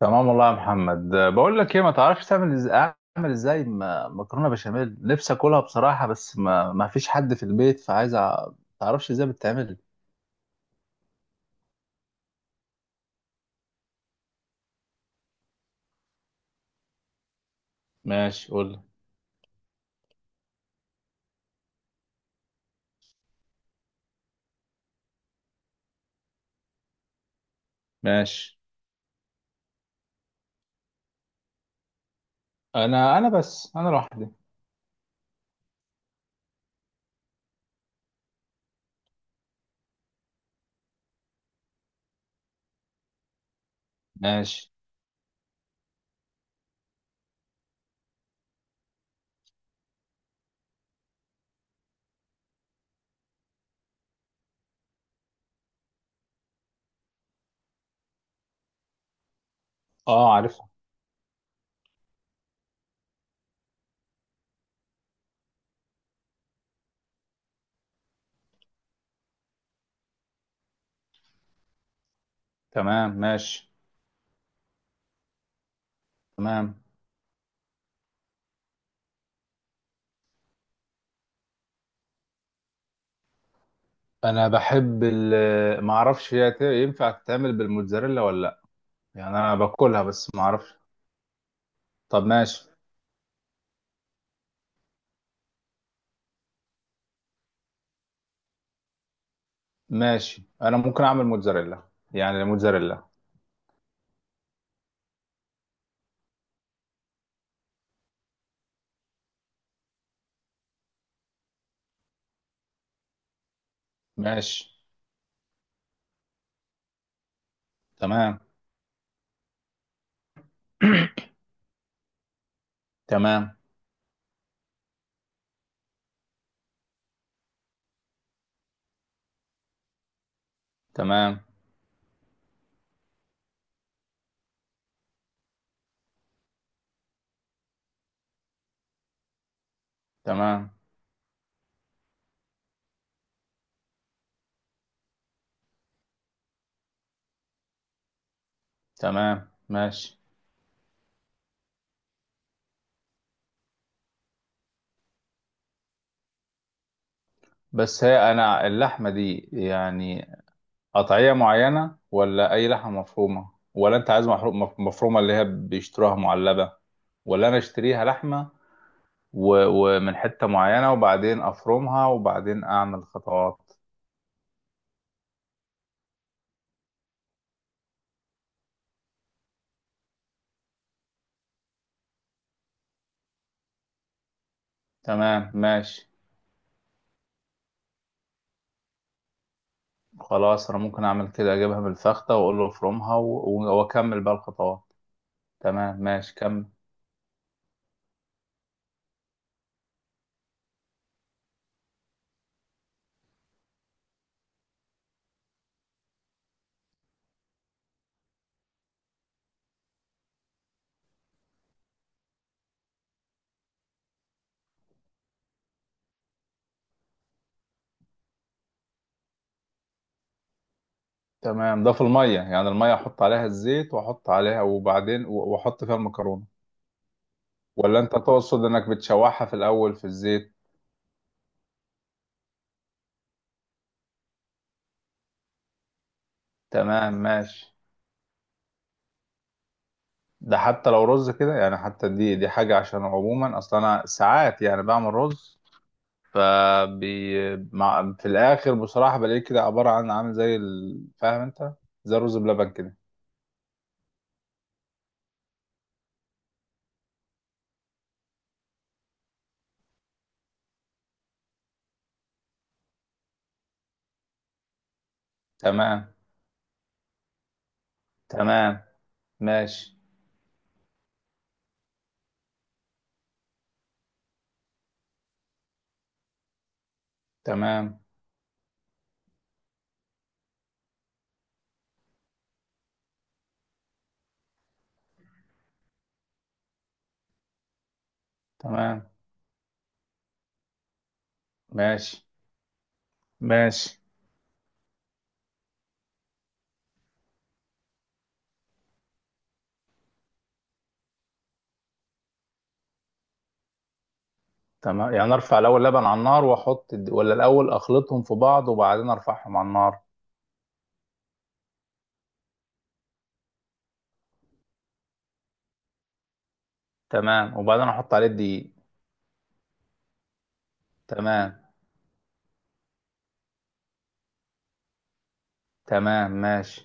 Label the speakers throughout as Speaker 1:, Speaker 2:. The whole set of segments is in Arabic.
Speaker 1: تمام والله يا محمد. بقول لك ايه، ما تعرفش تعمل ازاي؟ اعمل ازاي مكرونه بشاميل، نفسي اكلها بصراحه، بس ما فيش حد في البيت، فعايز تعرفش ازاي بتتعمل؟ ماشي قول لي. ماشي. انا بس انا لوحدي. ماشي. اه عارفها. تمام ماشي. تمام. انا بحب ما اعرفش، هي ينفع تتعمل بالموتزاريلا ولا لا؟ يعني انا باكلها بس ما اعرفش. طب ماشي. ماشي، انا ممكن اعمل موتزاريلا. يعني موتزاريلا. ماشي. تمام. تمام. تمام. تمام. تمام ماشي. بس هي انا اللحمه دي يعني قطعيه معينه، ولا اي لحمه مفرومه، ولا انت عايز مفرومه اللي هي بيشتروها معلبه، ولا انا اشتريها لحمه و- ومن حته معينه وبعدين افرمها وبعدين اعمل خطوات؟ تمام ماشي. خلاص، انا ممكن اعمل كده، اجيبها من الفخده واقول له افرمها واكمل بقى الخطوات. تمام ماشي كمل. تمام، ده في المية؟ يعني المية أحط عليها الزيت وأحط عليها وبعدين وأحط فيها المكرونة، ولا أنت تقصد إنك بتشوحها في الأول في الزيت؟ تمام ماشي. ده حتى لو رز كده يعني، حتى دي حاجة، عشان عموما أصلا أنا ساعات يعني بعمل رز فبي مع في الآخر بصراحة، بلاقيه كده عبارة عن عامل زي فاهم أنت، زي الرز بلبن كده. تمام. تمام ماشي. تمام. تمام ماشي. ماشي. تمام، يعني ارفع الاول لبن على النار واحط ولا الاول اخلطهم في بعض وبعدين ارفعهم على النار؟ تمام وبعدين احط عليه الدقيق. تمام. تمام ماشي.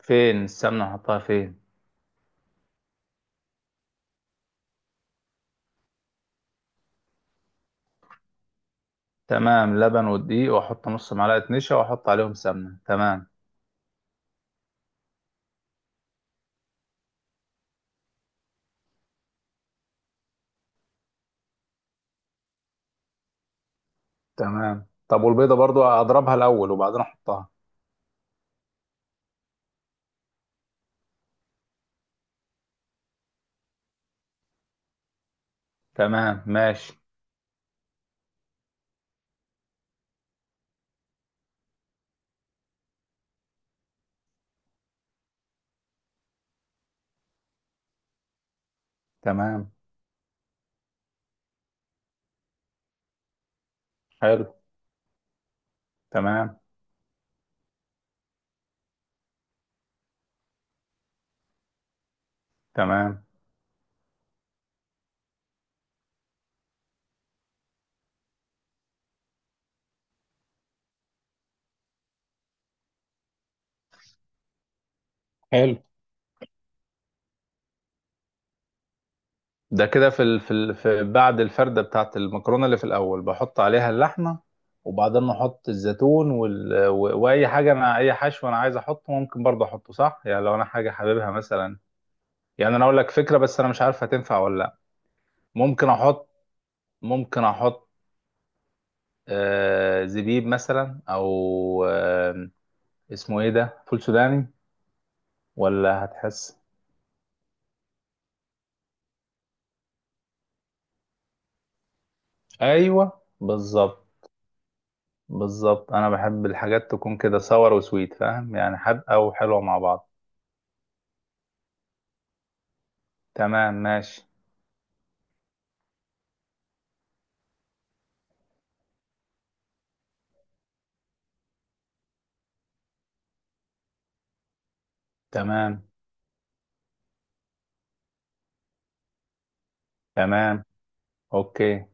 Speaker 1: فين السمنه احطها فين؟ تمام، لبن والدقيق واحط نص معلقه نشا واحط عليهم سمنه. تمام. تمام، طب والبيضه برضو اضربها الاول وبعدين احطها؟ تمام ماشي. تمام. حلو. تمام. تمام. حلو. ده كده في بعد الفردة بتاعت المكرونة اللي في الأول بحط عليها اللحمة، وبعدين أحط الزيتون وأي حاجة، أنا أي حشو أنا عايز أحطه ممكن برضه أحطه، صح؟ يعني لو أنا حاجة حاببها مثلا. يعني أنا أقول لك فكرة بس أنا مش عارف هتنفع ولا لأ. ممكن أحط، ممكن أحط زبيب مثلا، أو اسمه إيه ده؟ فول سوداني. ولا هتحس؟ أيوه بالظبط. بالظبط أنا بحب الحاجات تكون كده صور وسويت، فاهم؟ يعني حادقة وحلوة مع بعض. تمام ماشي. تمام. تمام اوكي.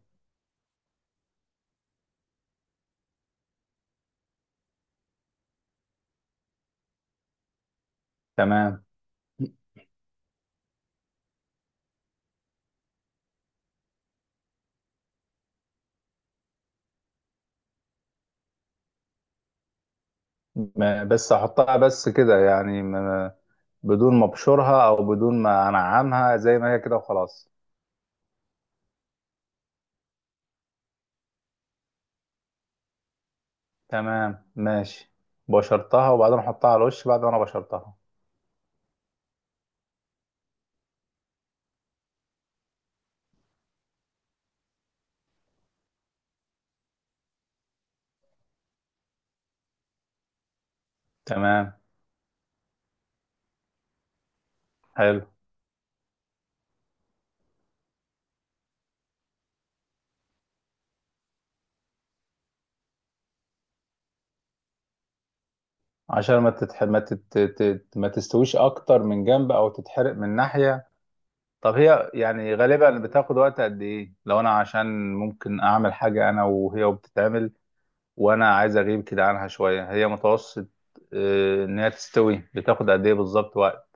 Speaker 1: تمام بس احطها بس كده يعني بدون ما ابشرها، او بدون ما انعمها زي ما هي كده وخلاص؟ تمام ماشي، بشرتها وبعدين احطها على الوش بعد ما انا بشرتها. تمام. حلو. عشان ما تتح... ما تت... تت... ما تستويش اكتر من جنب او تتحرق من ناحية. طب هي يعني غالبا بتاخد وقت قد ايه؟ لو انا عشان ممكن اعمل حاجة انا وهي وبتتعمل، وانا عايز اغيب كده عنها شويه، هي متوسط، ان هي تستوي بتاخد قد ايه بالظبط وقت؟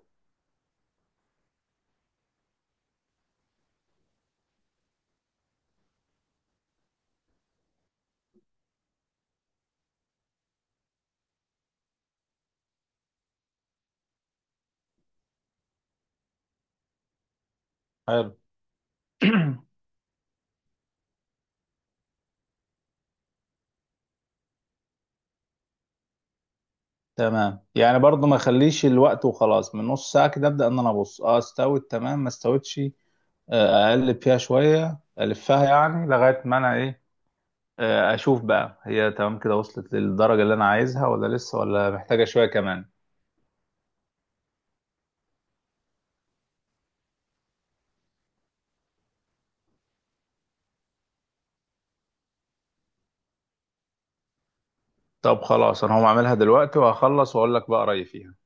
Speaker 1: حلو. تمام، يعني برضو ما اخليش الوقت وخلاص من نص ساعه كده، ابدا ان انا ابص، اه استوت تمام ما استوتش، اقلب فيها شويه الفها يعني لغايه ما انا ايه، اشوف بقى هي تمام كده وصلت للدرجه اللي انا عايزها، ولا لسه، ولا محتاجه شويه كمان. طب خلاص، انا هقوم اعملها دلوقتي وهخلص واقول لك بقى رايي فيها.